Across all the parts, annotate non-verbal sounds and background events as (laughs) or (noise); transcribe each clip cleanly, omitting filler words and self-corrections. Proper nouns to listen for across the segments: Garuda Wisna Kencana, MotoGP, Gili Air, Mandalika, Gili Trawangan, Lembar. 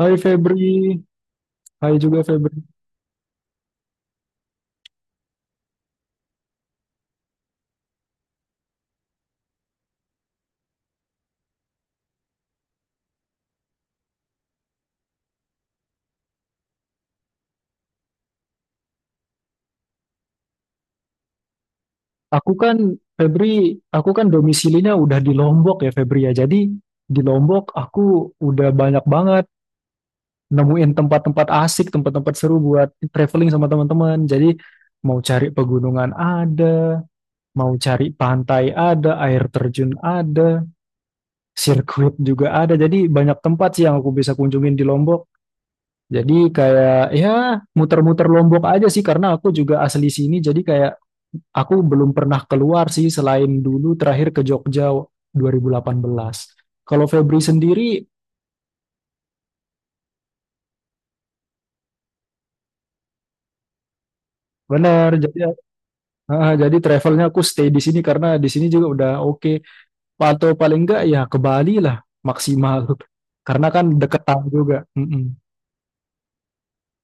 Hai Febri, hai juga Febri. Aku kan, Febri, aku kan domisilinya udah di Lombok, ya, Febri, ya. Jadi di Lombok aku udah banyak banget nemuin tempat-tempat asik, tempat-tempat seru buat traveling sama teman-teman. Jadi mau cari pegunungan ada, mau cari pantai ada, air terjun ada, sirkuit juga ada. Jadi banyak tempat sih yang aku bisa kunjungin di Lombok. Jadi kayak ya muter-muter Lombok aja sih karena aku juga asli sini. Jadi kayak aku belum pernah keluar sih, selain dulu terakhir ke Jogja 2018. Kalau Febri sendiri benar. Jadi travelnya aku stay di sini karena di sini juga udah oke. Atau paling enggak ya ke Bali lah maksimal. (laughs) Karena kan deketan juga. Mm-mm.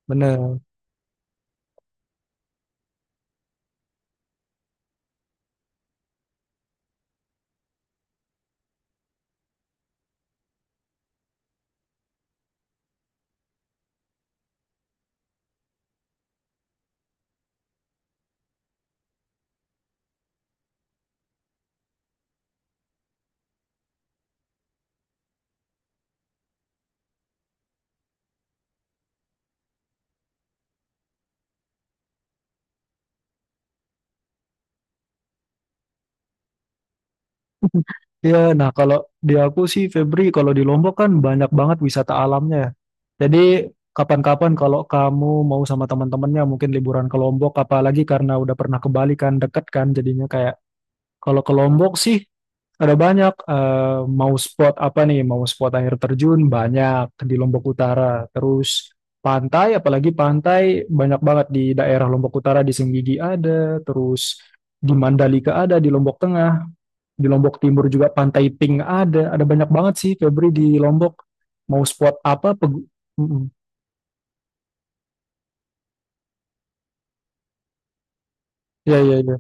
Bener. Iya, nah kalau di aku sih Febri, kalau di Lombok kan banyak banget wisata alamnya, ya. Jadi kapan-kapan kalau kamu mau sama teman-temannya mungkin liburan ke Lombok, apalagi karena udah pernah ke Bali kan deket kan jadinya kayak kalau ke Lombok sih ada banyak, mau spot apa nih? Mau spot air terjun banyak di Lombok Utara. Terus pantai, apalagi pantai banyak banget di daerah Lombok Utara, di Senggigi ada, terus di Mandalika ada, di Lombok Tengah, di Lombok Timur juga Pantai Pink ada. Ada banyak banget sih Febri di Lombok. Mau spot apa? Mm-mm. Ya, ya, ya.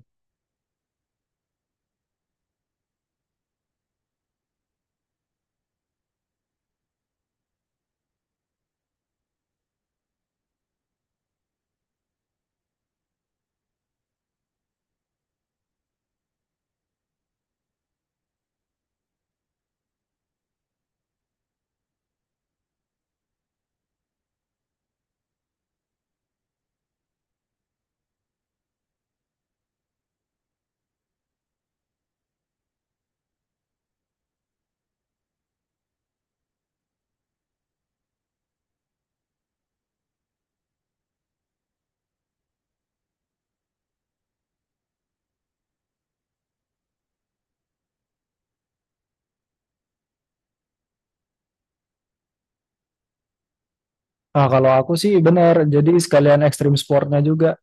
Ah, kalau aku sih benar. Jadi sekalian ekstrim sportnya juga.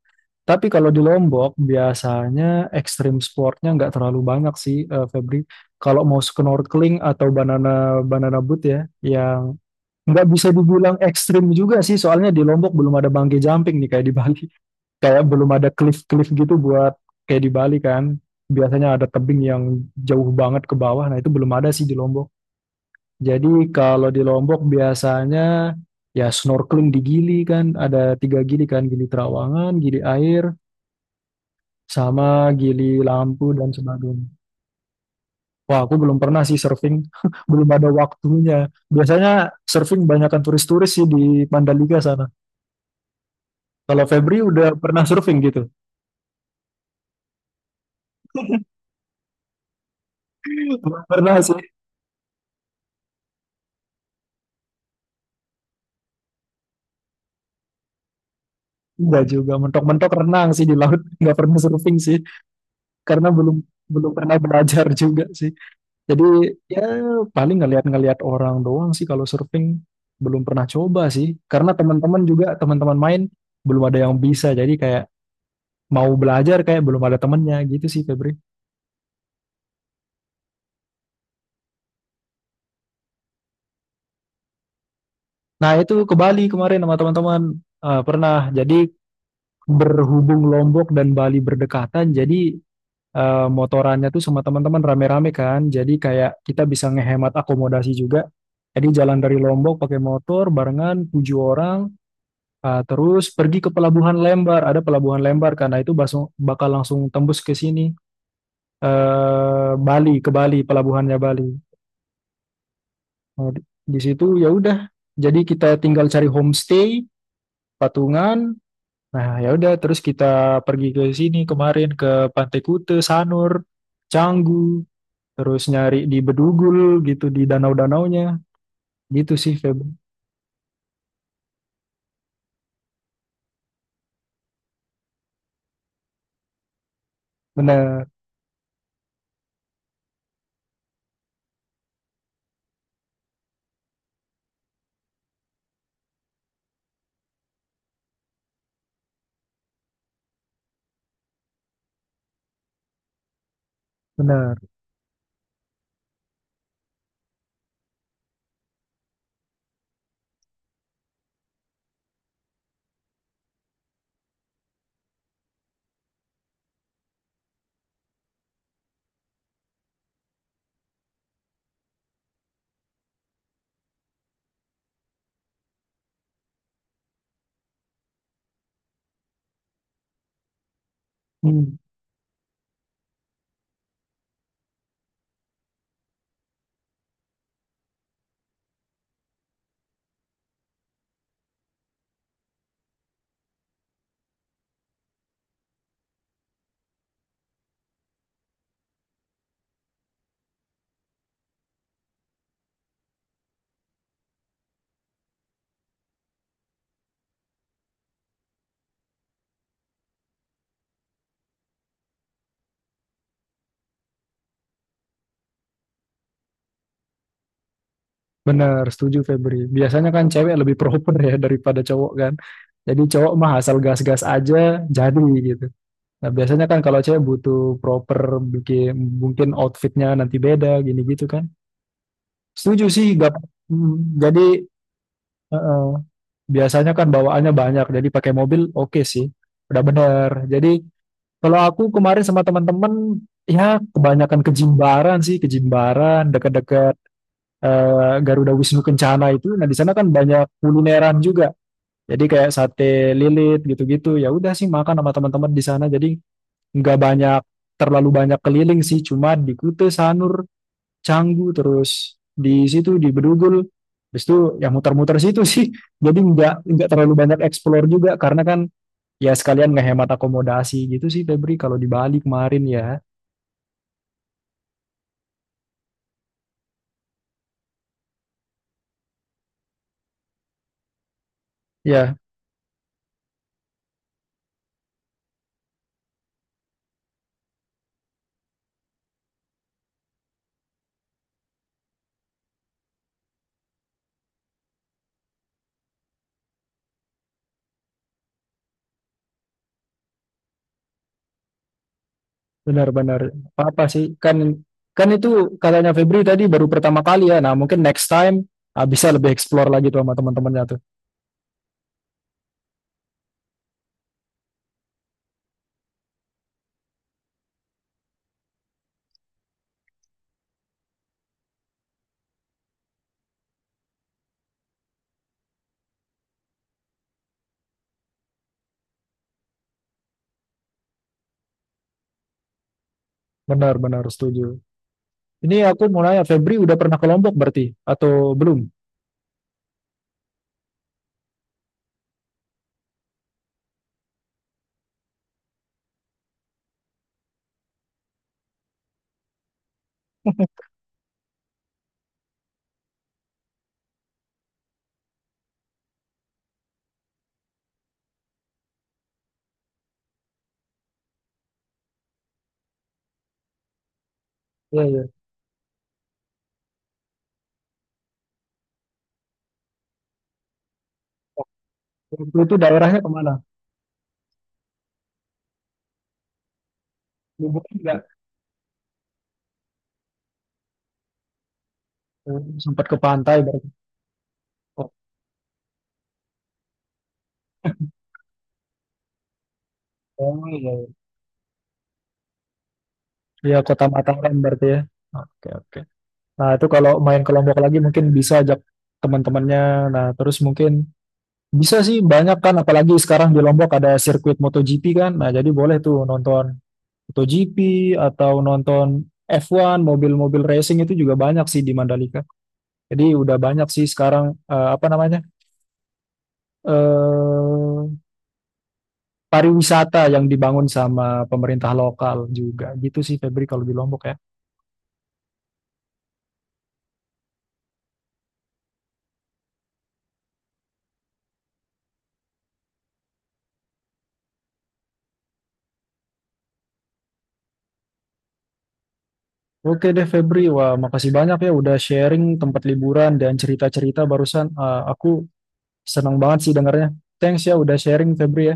Tapi kalau di Lombok biasanya ekstrim sportnya nggak terlalu banyak sih, Febri. Kalau mau snorkeling atau banana banana boat ya, yang nggak bisa dibilang ekstrim juga sih, soalnya di Lombok belum ada bungee jumping nih, kayak di Bali, (laughs) kayak belum ada cliff-cliff gitu buat kayak di Bali kan. Biasanya ada tebing yang jauh banget ke bawah, nah itu belum ada sih di Lombok. Jadi kalau di Lombok biasanya ya snorkeling di Gili kan, ada tiga Gili kan, Gili Trawangan, Gili Air, sama gili lampu dan sebagainya. Wah, aku belum pernah sih surfing, (laughs) belum ada waktunya. Biasanya surfing banyakkan turis-turis sih di Mandalika sana. Kalau Febri udah pernah surfing gitu? (laughs) Belum pernah sih, enggak juga. Mentok-mentok renang sih di laut, (laughs) nggak pernah surfing sih, karena belum belum pernah belajar (laughs) juga sih. Jadi ya paling ngeliat-ngeliat orang doang sih kalau surfing. Belum pernah coba sih, karena teman-teman juga teman-teman main belum ada yang bisa. Jadi mau belajar kayak belum ada temennya gitu sih Febri. Nah itu ke Bali kemarin sama teman-teman. Eh, pernah. Jadi berhubung Lombok dan Bali berdekatan, jadi motorannya tuh sama teman-teman rame-rame kan. Jadi kayak kita bisa ngehemat akomodasi juga. Jadi jalan dari Lombok pakai motor barengan tujuh orang, terus pergi ke pelabuhan Lembar. Ada pelabuhan Lembar karena itu bakal langsung tembus ke sini, Bali, ke Bali, pelabuhannya Bali. Nah, di situ ya udah. Jadi kita tinggal cari homestay, patungan. Nah, ya udah terus kita pergi ke sini kemarin ke Pantai Kute, Sanur, Canggu, terus nyari di Bedugul, gitu di danau-danaunya. Gitu sih Febri. Benar, benar. Hmm, benar, setuju Febri. Biasanya kan cewek lebih proper ya daripada cowok kan. Jadi cowok mah asal gas-gas aja jadi gitu. Nah, biasanya kan kalau cewek butuh proper bikin mungkin outfitnya nanti beda gini gitu kan. Setuju sih, gak. Hmm. Jadi eh, biasanya kan bawaannya banyak, jadi pakai mobil oke sih, udah bener. Jadi kalau aku kemarin sama teman-teman, ya kebanyakan ke Jimbaran sih, ke Jimbaran, dekat-dekat Garuda Wisnu Kencana itu. Nah di sana kan banyak kulineran juga, jadi kayak sate lilit gitu-gitu. Ya udah sih makan sama teman-teman di sana, jadi nggak banyak terlalu banyak keliling sih, cuma di Kute, Sanur, Canggu, terus di situ di Bedugul, habis itu yang muter-muter situ sih. (laughs) Jadi nggak terlalu banyak explore juga karena kan ya sekalian ngehemat akomodasi gitu sih Febri, kalau di Bali kemarin ya. Ya, benar-benar. Apa sih, kan kan itu katanya Febri tadi baru pertama kali ya, nah mungkin next time, ah, bisa lebih explore lagi tuh sama teman-temannya tuh. Benar-benar setuju. Ini aku mau nanya Febri udah pernah ke Lombok berarti atau belum. Iya, iya. Waktu itu daerahnya kemana? Lombok enggak? Oh, sempat ke pantai berarti. Oh, iya. Iya. Iya, Kota Mataram berarti ya. Oke, oke. Nah, itu kalau main ke Lombok lagi mungkin bisa ajak teman-temannya. Nah, terus mungkin bisa sih banyak kan, apalagi sekarang di Lombok ada sirkuit MotoGP kan. Nah, jadi boleh tuh nonton MotoGP atau nonton F1, mobil-mobil racing itu juga banyak sih di Mandalika. Jadi udah banyak sih sekarang apa namanya? eh pariwisata yang dibangun sama pemerintah lokal juga. Gitu sih Febri kalau di Lombok ya. Oke deh Febri, wah makasih banyak ya udah sharing tempat liburan dan cerita-cerita barusan. Eh, aku senang banget sih dengarnya. Thanks ya udah sharing Febri ya.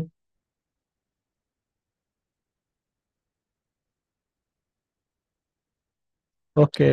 Oke.